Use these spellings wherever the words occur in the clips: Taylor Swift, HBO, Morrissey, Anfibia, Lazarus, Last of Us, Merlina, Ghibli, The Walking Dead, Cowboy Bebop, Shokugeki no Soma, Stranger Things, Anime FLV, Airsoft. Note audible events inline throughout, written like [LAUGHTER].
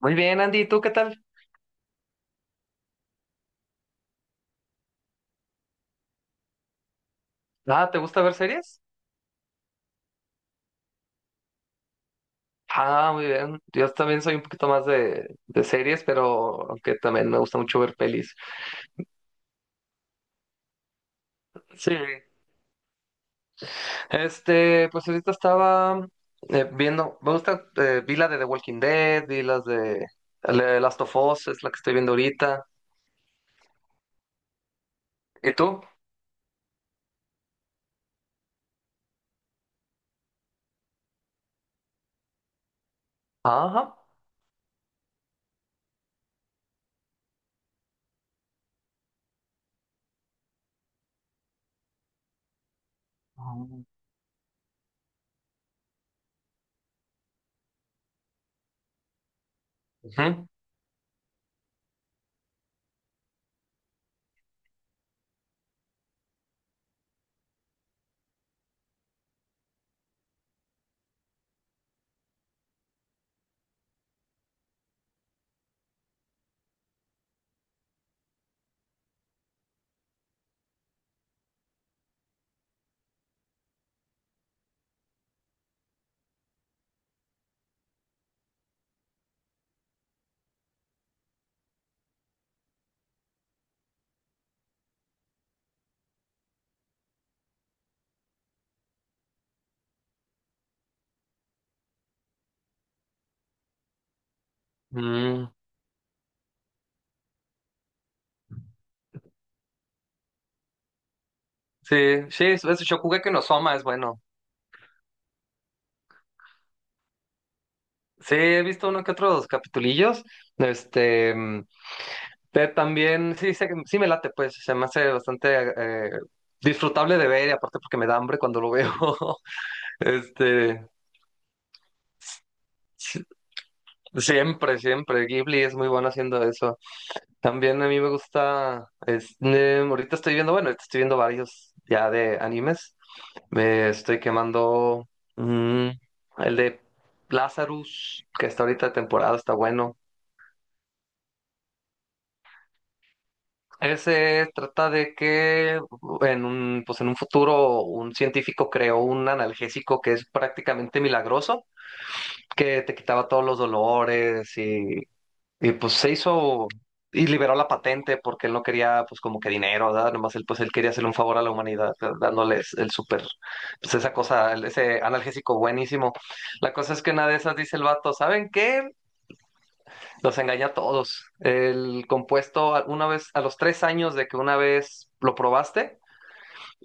Muy bien, Andy, ¿y tú qué tal? Ah, ¿te gusta ver series? Ah, muy bien. Yo también soy un poquito más de series, pero aunque también me gusta mucho ver pelis. Sí. Este, pues ahorita estaba viendo, me gusta, vi la de The Walking Dead, vi las de Last of Us, es la que estoy viendo ahorita. ¿Y tú? Ajá. Ujú. Mm, sí, sí, Shokugeki no Soma es bueno. Sí, he visto uno que otros capitulillos. Este. Ted también, sí, sí me late, pues se me hace bastante disfrutable de ver y aparte porque me da hambre cuando lo veo. [LAUGHS] Este, si- siempre, siempre. Ghibli es muy bueno haciendo eso. También a mí me gusta, ahorita estoy viendo, bueno, ahorita estoy viendo varios ya de animes. Me estoy quemando mm, el de Lazarus, que está ahorita de temporada, está bueno. Ese trata de que en un, pues en un futuro un científico creó un analgésico que es prácticamente milagroso, que te quitaba todos los dolores pues se hizo y liberó la patente porque él no quería pues como que dinero, ¿verdad? Nomás él pues él quería hacerle un favor a la humanidad, ¿verdad? Dándoles el súper, pues esa cosa, ese analgésico buenísimo. La cosa es que una de esas dice el vato, ¿saben qué? Los engaña a todos. El compuesto, una vez, a los 3 años de que una vez lo probaste,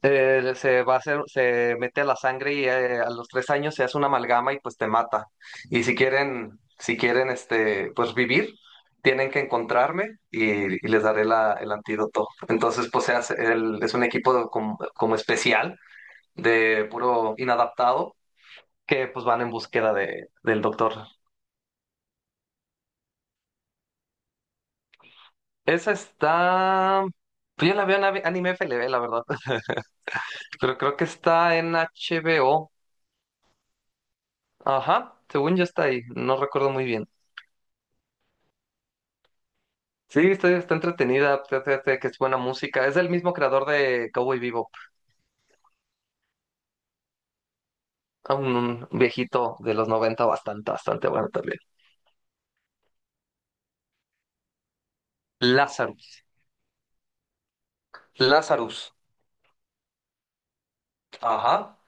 se va a hacer, se mete a la sangre y a los 3 años se hace una amalgama y pues te mata. Y si quieren, este, pues vivir, tienen que encontrarme y les daré la, el antídoto. Entonces, pues se hace, es un equipo como especial de puro inadaptado que pues van en búsqueda del doctor. Esa está. Pues yo la veo en Anime FLV, la verdad. [LAUGHS] Pero creo que está en HBO. Ajá, según yo está ahí. No recuerdo muy bien. Sí, está entretenida. Fíjate que es buena música. Es del mismo creador de Cowboy Bebop. Un viejito de los 90 bastante, bastante bueno también. Lazarus. Lazarus. Ajá.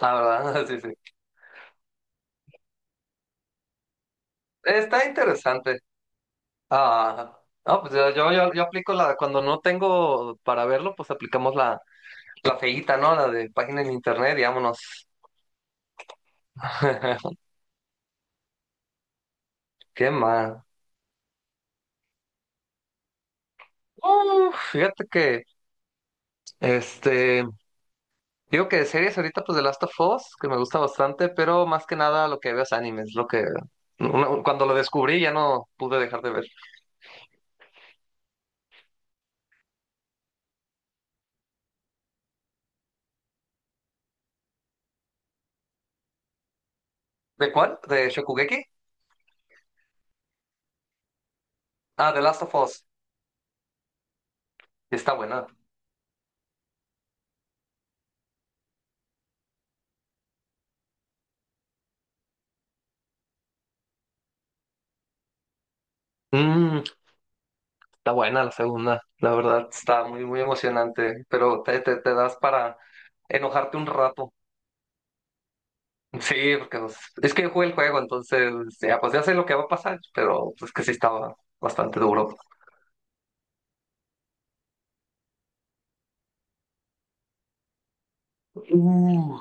La verdad, [LAUGHS] sí, sí. Está interesante. Ah, ah, pues yo, yo aplico la. Cuando no tengo para verlo, pues aplicamos la. La feíta, ¿no? La de página en internet y vámonos. [LAUGHS] ¿Qué mal? Uf, fíjate que, este, digo que de series ahorita pues The Last of Us, que me gusta bastante, pero más que nada lo que veo es animes, lo que, cuando lo descubrí ya no pude dejar de ver. ¿De cuál? ¿De Shokugeki? Ah, The Last of Us. Está buena. Mm, está buena la segunda, la verdad, está muy, muy emocionante, pero te das para enojarte un rato. Sí, porque pues, es que jugué el juego, entonces ya, pues ya sé lo que va a pasar, pero pues que sí estaba bastante duro. Uh.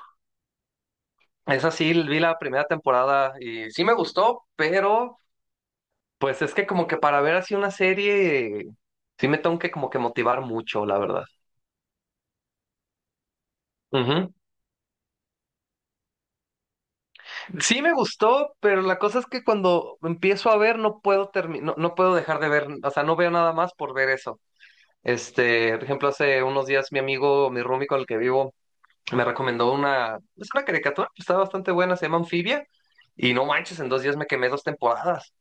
Esa sí, vi la primera temporada y sí me gustó, pero pues es que como que para ver así una serie, sí me tengo que como que motivar mucho, la verdad. Ujú. Sí me gustó, pero la cosa es que cuando empiezo a ver no puedo no, no puedo dejar de ver, o sea, no veo nada más por ver eso. Este, por ejemplo, hace unos días mi amigo, mi roomie con el que vivo, me recomendó una, es una caricatura que está bastante buena, se llama Anfibia, y no manches, en 2 días me quemé 2 temporadas.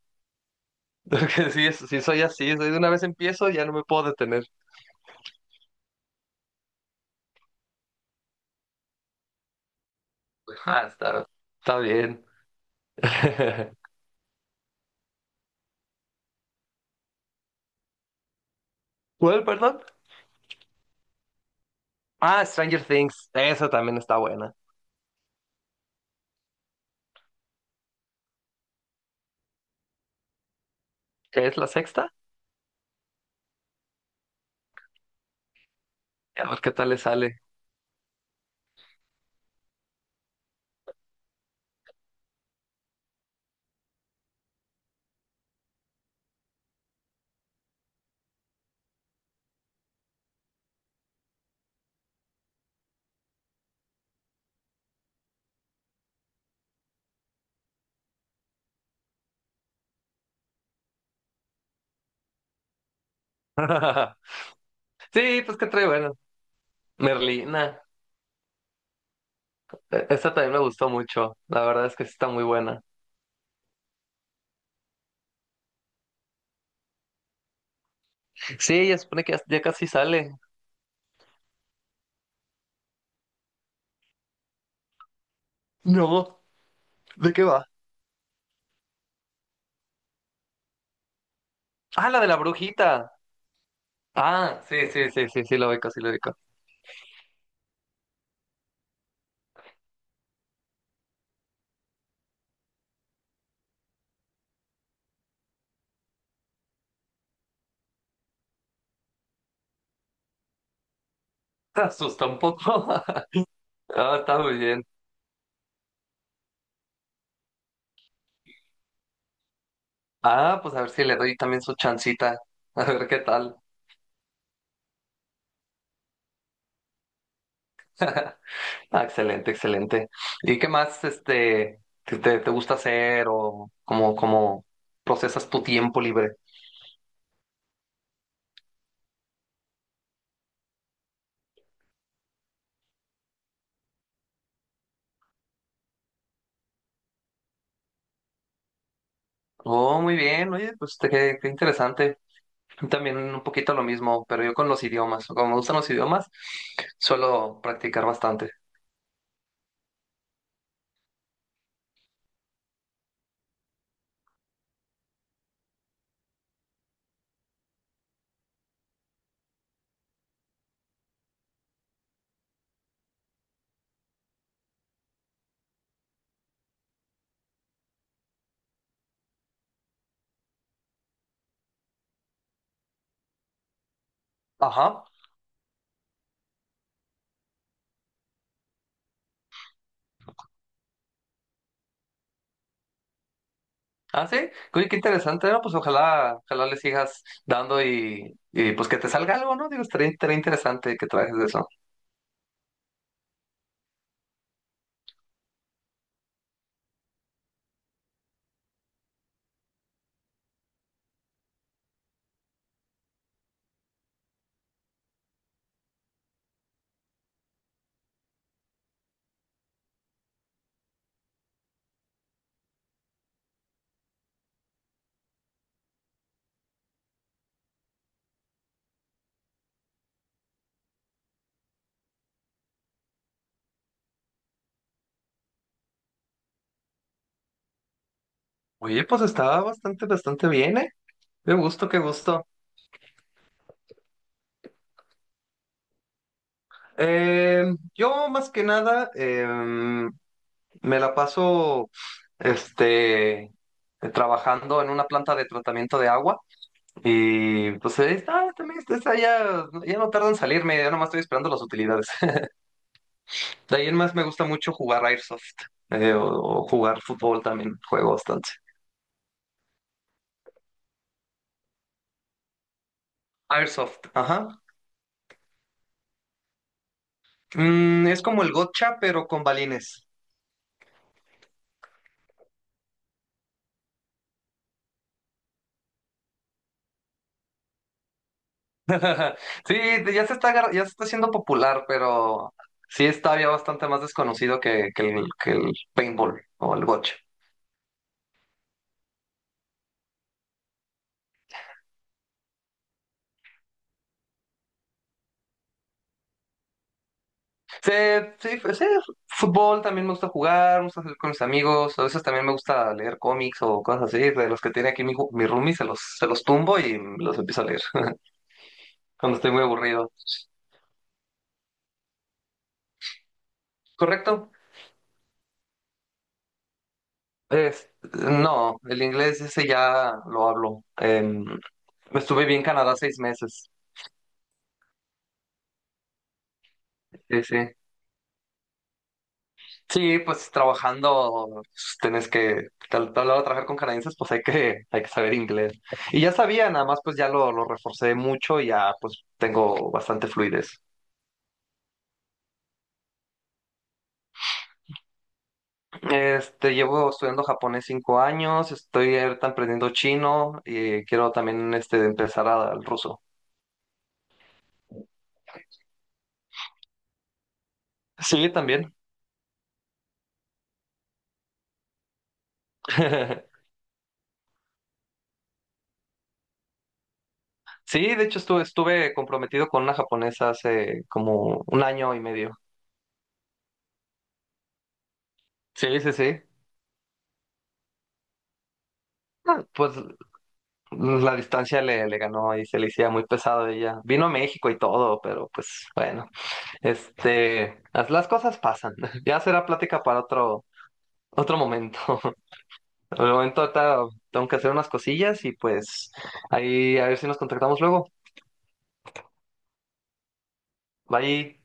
[LAUGHS] Porque sí, sí soy así, soy de una vez empiezo, ya no me puedo detener. Ah, está bien. [LAUGHS] ¿Cuál, perdón? Ah, Stranger Things, esa también está buena. ¿Qué es la sexta? A ver qué tal le sale. [LAUGHS] Sí, pues que trae bueno. Merlina, esa también me gustó mucho, la verdad es que sí está muy buena. Sí, ya supone que ya ya casi sale. No, ¿de qué va? Ah, la de la brujita. Ah, sí, sí, sí, sí, sí, lo ubico, sí lo ubico. [LAUGHS] Te asusta un poco. [LAUGHS] Ah, está muy bien. Ah, pues a ver si le doy también su chancita. [LAUGHS] A ver qué tal. [LAUGHS] Ah, excelente, excelente. ¿Y qué más, este, te gusta hacer o cómo procesas tu tiempo libre? Oh, muy bien. Oye, pues qué, interesante. También un poquito lo mismo, pero yo con los idiomas. Como me gustan los idiomas, suelo practicar bastante. Ajá. Ah, sí, oye, qué interesante, ¿no? Pues ojalá le sigas dando pues que te salga algo, ¿no? Digo, estaría interesante que trabajes de eso. Oye, pues está bastante, bastante bien, ¿eh? Qué gusto, qué gusto. Eh, yo más que nada me la paso, este, trabajando en una planta de tratamiento de agua y pues ahí está, también está ya, ya no tardan en salirme, ya nomás estoy esperando las utilidades. De ahí en más me gusta mucho jugar Airsoft o jugar fútbol también, juego bastante. Airsoft, ajá. Es como el gotcha, pero con balines. [LAUGHS] Sí, ya se ya se está haciendo popular, pero sí está todavía bastante más desconocido que el paintball o el gotcha. Sí, sí, sí, fútbol también me gusta jugar, me gusta salir con mis amigos, a veces también me gusta leer cómics o cosas así, de los que tiene aquí mi roomie, se los tumbo y los empiezo a leer [LAUGHS] cuando estoy muy aburrido. ¿Correcto? Es- no, el inglés ese ya lo hablo. Estuve bien en Canadá 6 meses. Sí, sí. Sí, pues trabajando, pues, tenés que, tal lado trabajar con canadienses, pues hay que, saber inglés. Y ya sabía, nada más pues ya lo reforcé mucho y ya pues tengo bastante fluidez. Este, llevo estudiando japonés 5 años, estoy ahorita aprendiendo chino y quiero también este, empezar al ruso. Sí, también. [LAUGHS] Sí, de hecho estuve comprometido con una japonesa hace como un año y medio. Sí, sí, sí. Ah, pues la distancia le ganó y se le hacía muy pesado a ella. Vino a México y todo, pero pues bueno, este, las cosas pasan. [LAUGHS] Ya será plática para otro momento. [LAUGHS] Por el momento ahorita tengo que hacer unas cosillas y pues ahí a ver si nos contactamos luego. Bye.